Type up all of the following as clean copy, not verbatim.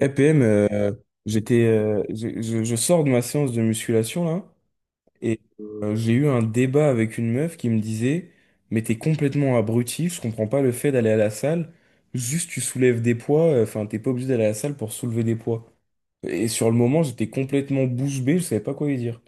EPM, j'étais, je sors de ma séance de musculation là, et j'ai eu un débat avec une meuf qui me disait, mais t'es complètement abruti, je comprends pas le fait d'aller à la salle, juste tu soulèves des poids, enfin t'es pas obligé d'aller à la salle pour soulever des poids. Et sur le moment, j'étais complètement bouche bée, je savais pas quoi lui dire.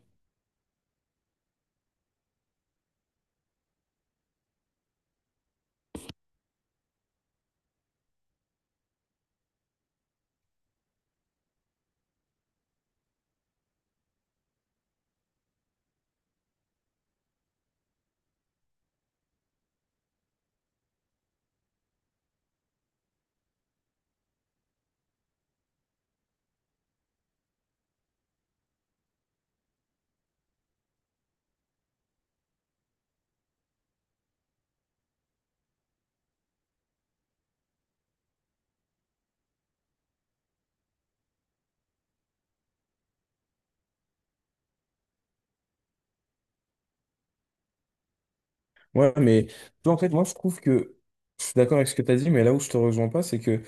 Ouais, mais tu vois, en fait, moi je trouve que je suis d'accord avec ce que t'as dit, mais là où je te rejoins pas, c'est que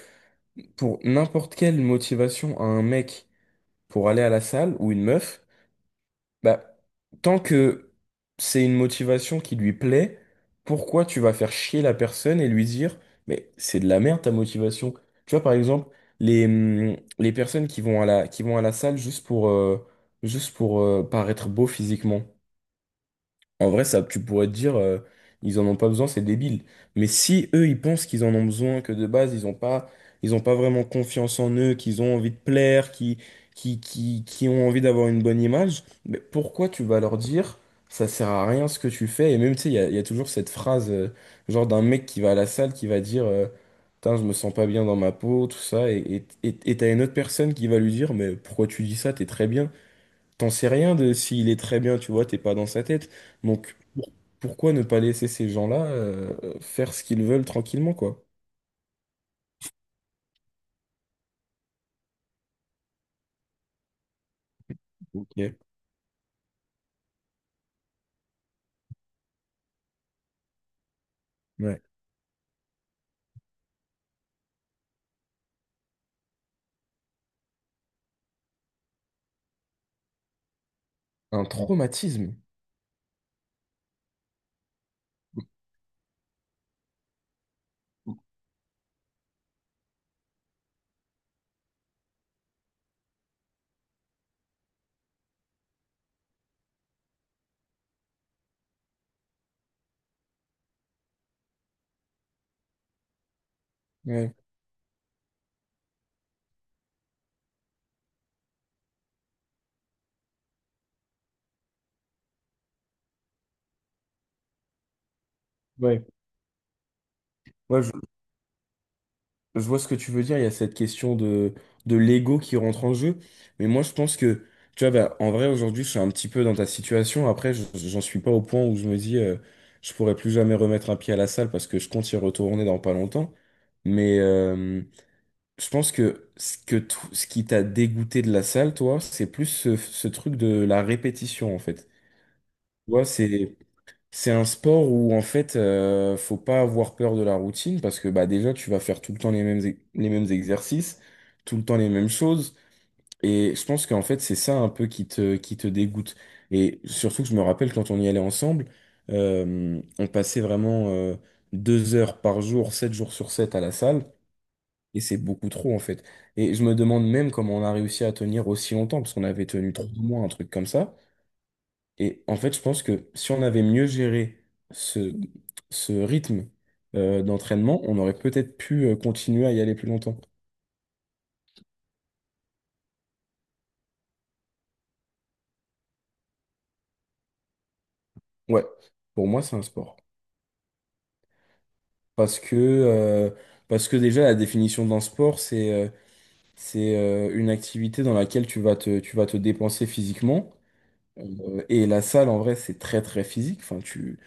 pour n'importe quelle motivation à un mec pour aller à la salle ou une meuf. Bah, tant que c'est une motivation qui lui plaît, pourquoi tu vas faire chier la personne et lui dire, mais c'est de la merde ta motivation. Tu vois, par exemple, les personnes qui vont à la salle juste pour, paraître beau physiquement. En vrai, ça, tu pourrais te dire, ils en ont pas besoin, c'est débile. Mais si eux, ils pensent qu'ils en ont besoin, que de base, ils ont pas vraiment confiance en eux, qu'ils ont envie de plaire, qui ont envie d'avoir une bonne image, mais pourquoi tu vas leur dire, ça sert à rien ce que tu fais? Et même, tu sais, il y a toujours cette phrase, genre d'un mec qui va à la salle, qui va dire, putain, je me sens pas bien dans ma peau, tout ça, et t'as une autre personne qui va lui dire, mais pourquoi tu dis ça? T'es très bien. T'en sais rien de s'il est très bien, tu vois, t'es pas dans sa tête. Donc, pourquoi ne pas laisser ces gens-là faire ce qu'ils veulent tranquillement, quoi? Ok. Ouais. Un traumatisme. Ouais. Ouais. Ouais, je vois ce que tu veux dire. Il y a cette question de l'ego qui rentre en jeu. Mais moi, je pense que, tu vois, bah, en vrai, aujourd'hui, je suis un petit peu dans ta situation. Après, j'en suis pas au point où je me dis, je pourrais plus jamais remettre un pied à la salle parce que je compte y retourner dans pas longtemps. Mais, je pense que ce qui t'a dégoûté de la salle, toi, c'est plus ce, ce truc de la répétition, en fait. Tu vois, c'est un sport où en fait, faut pas avoir peur de la routine parce que bah déjà, tu vas faire tout le temps les mêmes exercices, tout le temps les mêmes choses. Et je pense qu'en fait, c'est ça un peu qui te dégoûte. Et surtout que je me rappelle quand on y allait ensemble, on passait vraiment deux heures par jour, sept jours sur sept à la salle. Et c'est beaucoup trop, en fait. Et je me demande même comment on a réussi à tenir aussi longtemps, parce qu'on avait tenu trois mois, un truc comme ça. Et en fait, je pense que si on avait mieux géré ce, ce rythme d'entraînement, on aurait peut-être pu continuer à y aller plus longtemps. Ouais, pour moi, c'est un sport. Parce que, euh, parce que déjà, la définition d'un sport, c'est une activité dans laquelle tu vas te dépenser physiquement. Et la salle, en vrai, c'est très, très physique. Enfin, tu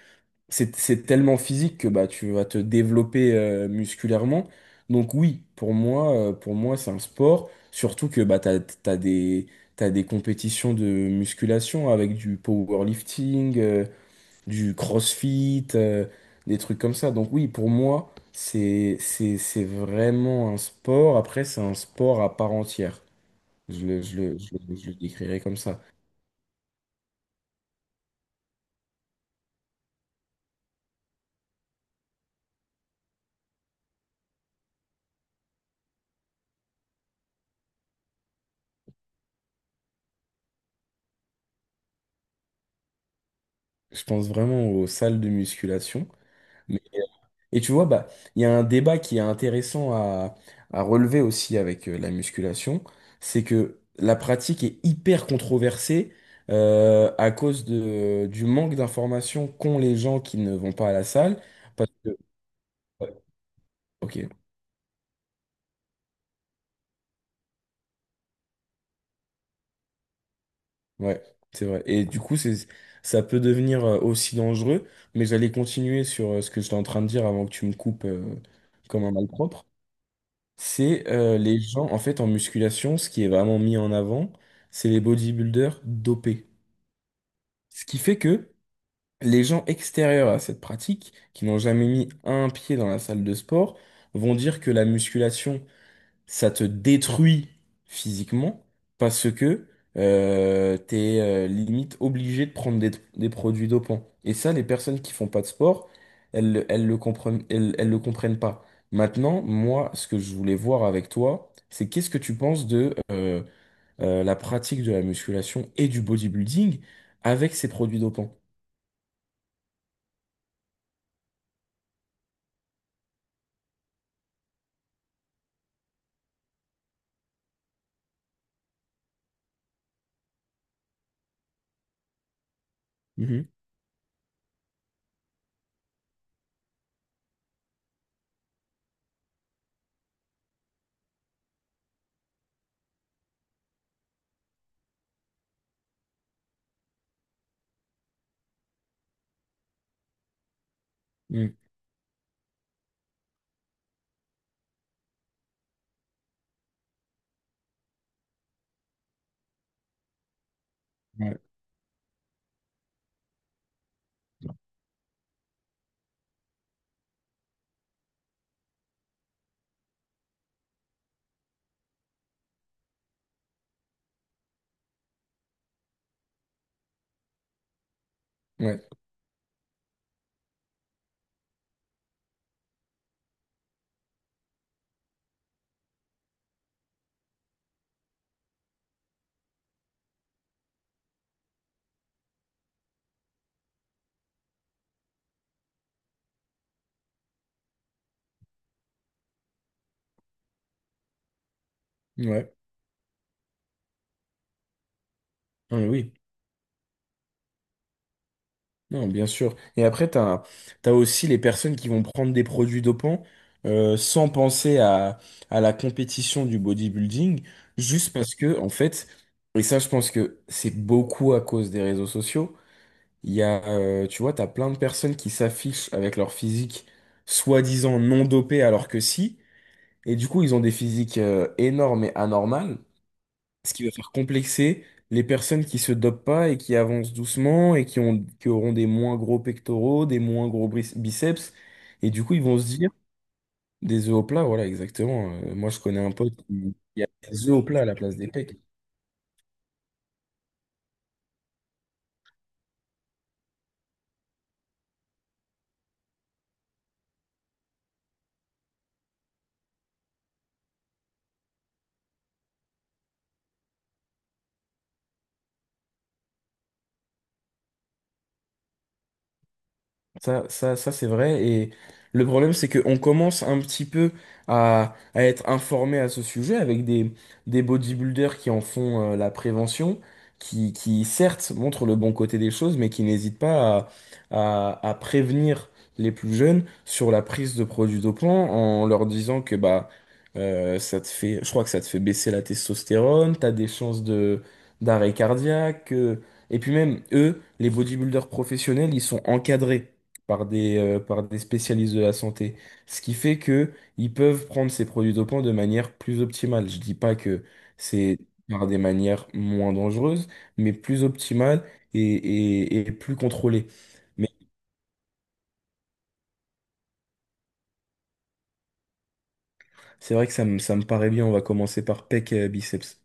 c'est tellement physique que bah, tu vas te développer musculairement. Donc oui, pour moi, c'est un sport. Surtout que bah, t'as des compétitions de musculation avec du powerlifting, du crossfit, des trucs comme ça. Donc oui, pour moi, c'est vraiment un sport. Après, c'est un sport à part entière. Je le décrirais comme ça. Je pense vraiment aux salles de musculation. Mais, et tu vois, bah, il y a un débat qui est intéressant à relever aussi avec la musculation, c'est que la pratique est hyper controversée à cause de, du manque d'informations qu'ont les gens qui ne vont pas à la salle. Parce que, ouais, ok, ouais, c'est vrai. Et du coup, c'est, ça peut devenir aussi dangereux, mais j'allais continuer sur ce que j'étais en train de dire avant que tu me coupes comme un malpropre. C'est les gens, en fait, en musculation, ce qui est vraiment mis en avant, c'est les bodybuilders dopés. Ce qui fait que les gens extérieurs à cette pratique, qui n'ont jamais mis un pied dans la salle de sport, vont dire que la musculation, ça te détruit physiquement parce que t'es limite obligé de prendre des produits dopants. Et ça, les personnes qui font pas de sport, elles le comprennent, elles le comprennent pas. Maintenant, moi, ce que je voulais voir avec toi, c'est qu'est-ce que tu penses de la pratique de la musculation et du bodybuilding avec ces produits dopants? Mhm. Mhm. Ouais. Ouais. Ouais. Ah, mais oui. Non, bien sûr. Et après, aussi les personnes qui vont prendre des produits dopants sans penser à la compétition du bodybuilding, juste parce que, en fait, et ça, je pense que c'est beaucoup à cause des réseaux sociaux. Tu vois, tu as plein de personnes qui s'affichent avec leur physique soi-disant non dopée alors que si. Et du coup, ils ont des physiques énormes et anormales. Ce qui va faire complexer les personnes qui se dopent pas et qui avancent doucement qui auront des moins gros pectoraux, des moins gros bris- biceps. Et du coup, ils vont se dire des œufs au plat, voilà, exactement. Moi, je connais un pote qui a des œufs au plat à la place des pecs. Ça c'est vrai. Et le problème, c'est qu'on commence un petit peu à être informé à ce sujet avec des bodybuilders qui en font la prévention, qui certes montrent le bon côté des choses, mais qui n'hésitent pas à prévenir les plus jeunes sur la prise de produits dopants en leur disant que bah ça te fait, je crois que ça te fait baisser la testostérone, t'as des chances de d'arrêt cardiaque. Et puis même eux, les bodybuilders professionnels, ils sont encadrés par des spécialistes de la santé. Ce qui fait que ils peuvent prendre ces produits dopants de manière plus optimale. Je dis pas que c'est par des manières moins dangereuses, mais plus optimales et plus contrôlées. Mais c'est vrai que ça me paraît bien. On va commencer par pec biceps.